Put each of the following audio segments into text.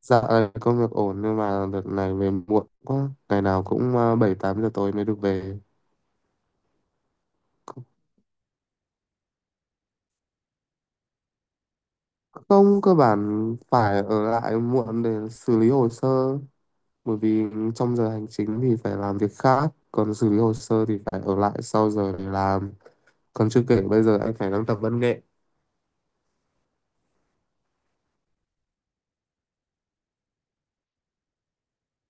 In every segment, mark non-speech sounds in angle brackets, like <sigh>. Dạ, công việc ổn nhưng mà đợt này về muộn quá, ngày nào cũng 7-8 giờ tối mới được về. C- Không, cơ bản phải ở lại muộn để xử lý hồ sơ, bởi vì trong giờ hành chính thì phải làm việc khác, còn xử lý hồ sơ thì phải ở lại sau giờ để làm. Còn chưa kể bây giờ anh phải đang tập văn nghệ,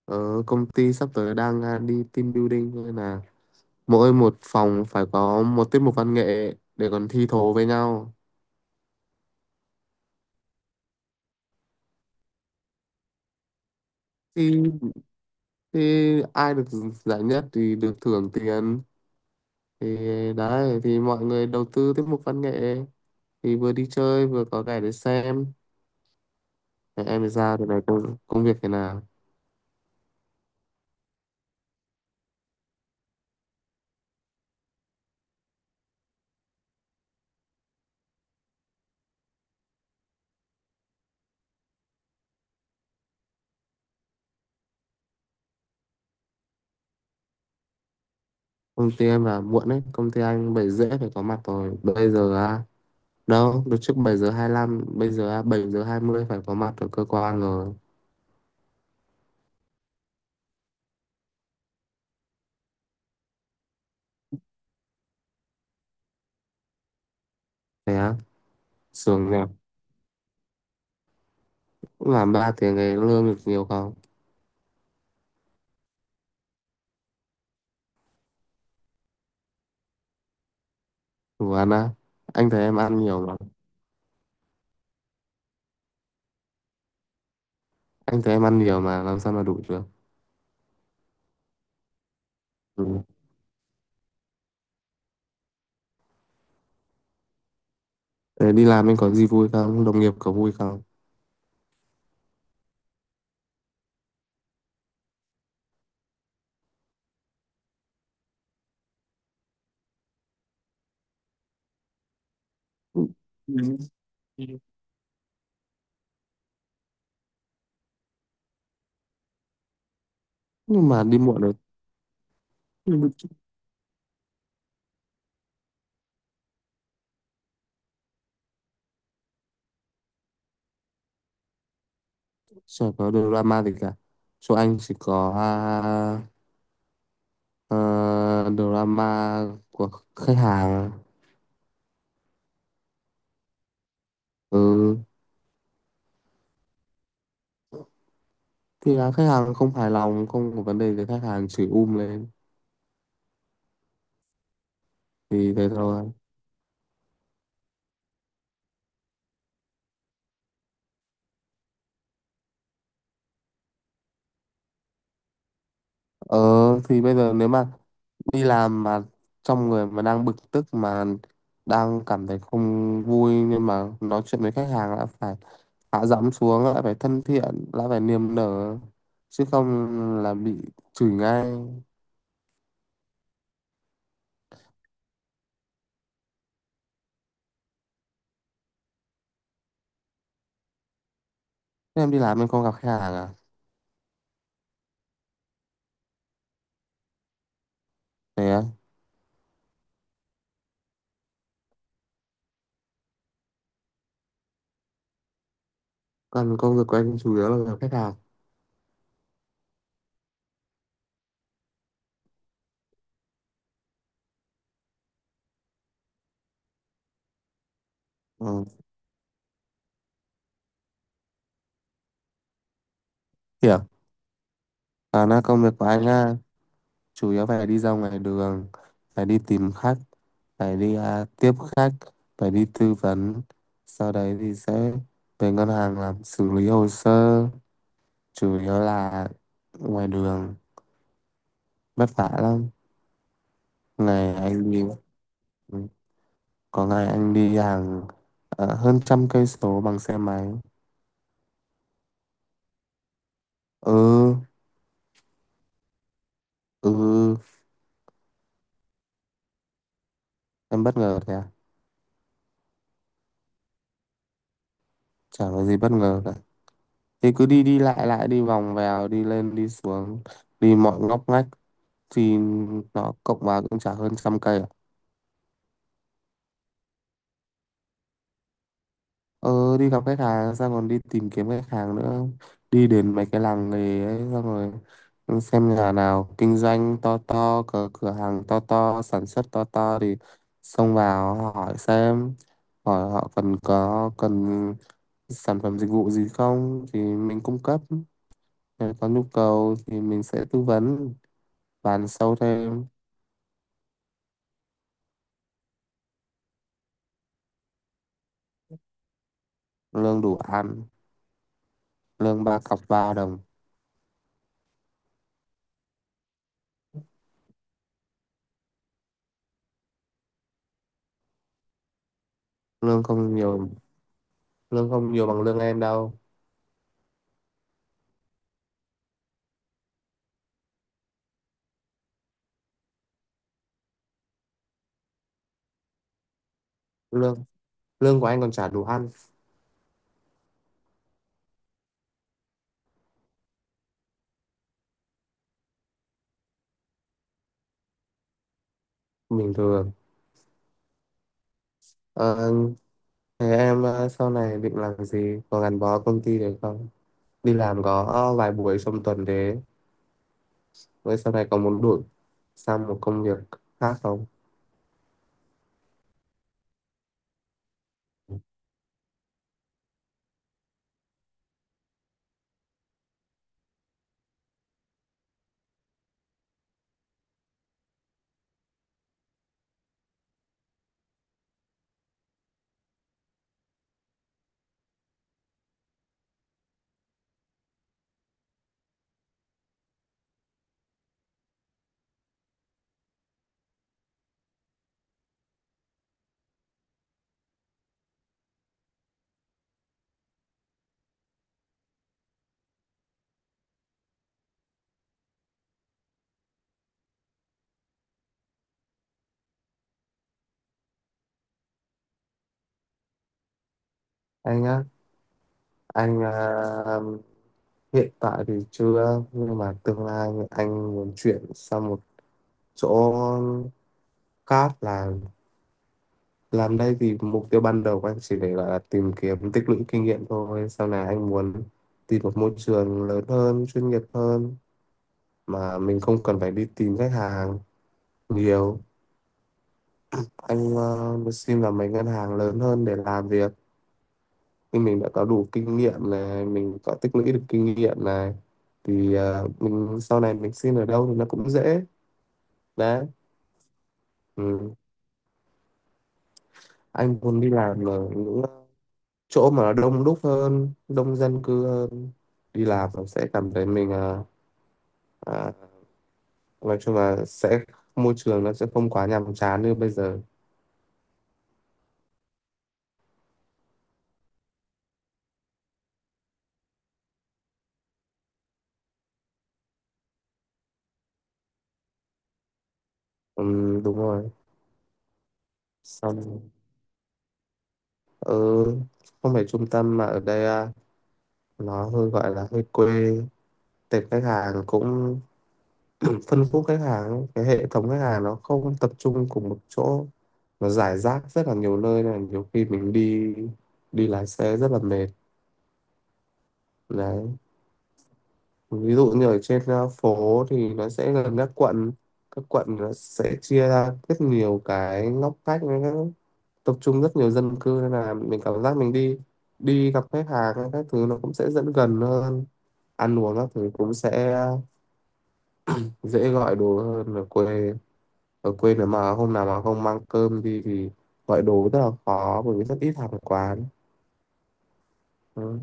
ở công ty sắp tới đang đi team building, nên là mỗi một phòng phải có một tiết mục văn nghệ để còn thi thố với nhau. Thì thì ai được giải nhất thì được thưởng tiền, thì đấy, thì mọi người đầu tư tiết mục văn nghệ, thì vừa đi chơi vừa có cái để xem. Thế em thì sao, thì này công việc thế nào? Công ty em là muộn đấy, công ty anh 7:30 phải có mặt rồi, bây giờ à đâu được trước 7:25, bây giờ à 7:20 phải có mặt ở cơ quan rồi. Thế á? Sướng nhỉ, cũng làm 3 tiếng ấy, lương được nhiều không? Đủ ăn á? Anh thấy em ăn nhiều mà. Anh thấy em ăn nhiều mà làm sao mà đủ được. Ừ. Ờ, đi làm anh có gì vui không, đồng nghiệp có vui không? Ừ. Nhưng mà đi muộn rồi. Chả có drama gì cả, chỗ anh chỉ có ờ, drama của khách hàng. Ừ. Thì là khách hàng không hài lòng, không có vấn đề thì khách hàng chửi lên, thì thế thôi. Ờ, thì bây giờ nếu mà đi làm mà trong người mà đang bực tức, mà đang cảm thấy không vui, nhưng mà nói chuyện với khách hàng đã phải hạ giọng xuống, lại phải thân thiện, lại phải niềm nở, chứ không là bị chửi ngay. Thế em đi làm em không gặp khách hàng à? Thế á? Còn công việc của anh chủ yếu là gặp khách hàng. Ừ. Hiểu. À, nó công việc của anh á, chủ yếu phải đi ra ngoài đường, phải đi tìm khách, phải đi tiếp khách, phải đi tư vấn, sau đấy thì sẽ về ngân hàng làm xử lý hồ sơ. Chủ yếu là ngoài đường, vất vả lắm. Ngày anh đi, ừ, có ngày anh đi hàng hơn 100 cây số bằng xe máy. Ừ. Ừ. Em bất ngờ thế à? Chả có gì bất ngờ cả, thì cứ đi đi lại lại, đi vòng vèo, đi lên đi xuống, đi mọi ngóc ngách thì nó cộng vào cũng chả hơn 100 cây à. Ờ, đi gặp khách hàng xong còn đi tìm kiếm khách hàng nữa. Đi đến mấy cái làng nghề ấy, xong rồi xem nhà nào kinh doanh to to, cửa cửa hàng to to, sản xuất to to thì xông vào hỏi xem, hỏi họ cần có cần sản phẩm dịch vụ gì không thì mình cung cấp. Nếu có nhu cầu thì mình sẽ tư vấn, bán sâu thêm. Lương đủ ăn, lương ba cọc ba đồng. Lương không nhiều, lương không nhiều bằng lương em đâu. Lương, lương của anh còn chả đủ ăn, bình thường. Ờ, thế em sau này định làm gì, có gắn bó công ty được không? Đi làm có vài buổi trong tuần thế, với sau này có muốn đổi sang một công việc khác không? Anh á, anh hiện tại thì chưa, nhưng mà tương lai anh muốn chuyển sang một chỗ khác. Là làm đây thì mục tiêu ban đầu của anh chỉ để gọi là tìm kiếm tích lũy kinh nghiệm thôi, sau này anh muốn tìm một môi trường lớn hơn, chuyên nghiệp hơn, mà mình không cần phải đi tìm khách hàng nhiều. Anh xin vào mấy ngân hàng lớn hơn để làm việc. Nhưng mình đã có đủ kinh nghiệm này, mình có tích lũy được kinh nghiệm này thì mình sau này mình xin ở đâu thì nó cũng dễ. Đấy. Ừ. Anh muốn đi làm ở những chỗ mà đông đúc hơn, đông dân cư hơn, đi làm nó sẽ cảm thấy mình à, nói chung là sẽ môi trường nó sẽ không quá nhàm chán như bây giờ. Đúng rồi. Xong, ừ, không phải trung tâm mà ở đây nó hơi gọi là hơi quê. Tệp khách hàng cũng <clears throat> phân khúc khách hàng ấy, cái hệ thống khách hàng nó không tập trung cùng một chỗ, nó rải rác rất là nhiều nơi, nên là nhiều khi mình đi đi lái xe rất là mệt. Đấy. Ví dụ như ở trên phố thì nó sẽ gần các quận, các quận nó sẽ chia ra rất nhiều cái ngóc ngách với tập trung rất nhiều dân cư, nên là mình cảm giác mình đi đi gặp khách hàng hay các thứ nó cũng sẽ dẫn gần hơn. Ăn uống các thứ cũng sẽ dễ gọi đồ hơn ở quê. Ở quê nếu mà hôm nào mà không mang cơm đi thì gọi đồ rất là khó, bởi vì rất ít hàng quán. Ừ.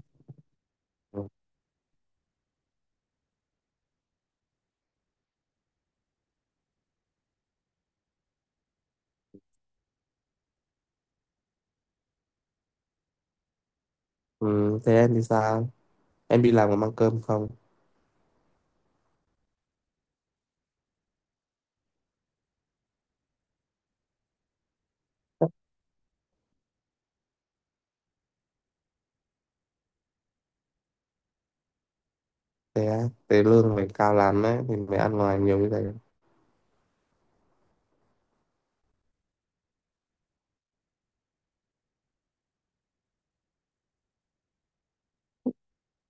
Ừ. Thế em thì sao, em đi làm có mang cơm không? Thế á? Thế lương mày cao lắm ấy thì mày ăn ngoài nhiều như thế.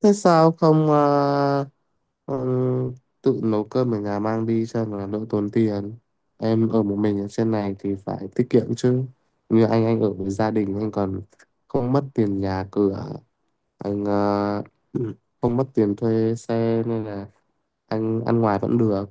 Thế sao không ừm, tự nấu cơm ở nhà mang đi cho nó đỡ tốn tiền? Em ở một mình ở trên này thì phải tiết kiệm chứ. Như anh ở với gia đình, anh còn không mất tiền nhà cửa. Anh <clears throat> không mất tiền thuê xe nên là anh ăn ngoài vẫn được.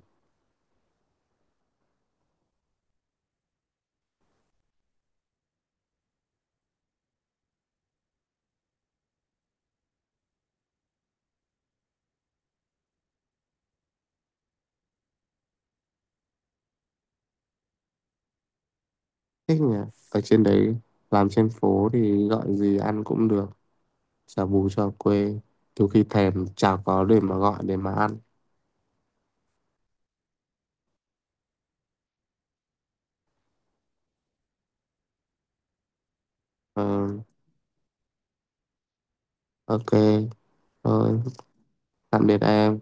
Thích nhỉ, ở trên đấy làm trên phố thì gọi gì ăn cũng được, chả bù chả quê, nhiều khi thèm chả có để mà gọi để mà ăn. Ờ, ok. Thôi, tạm biệt em.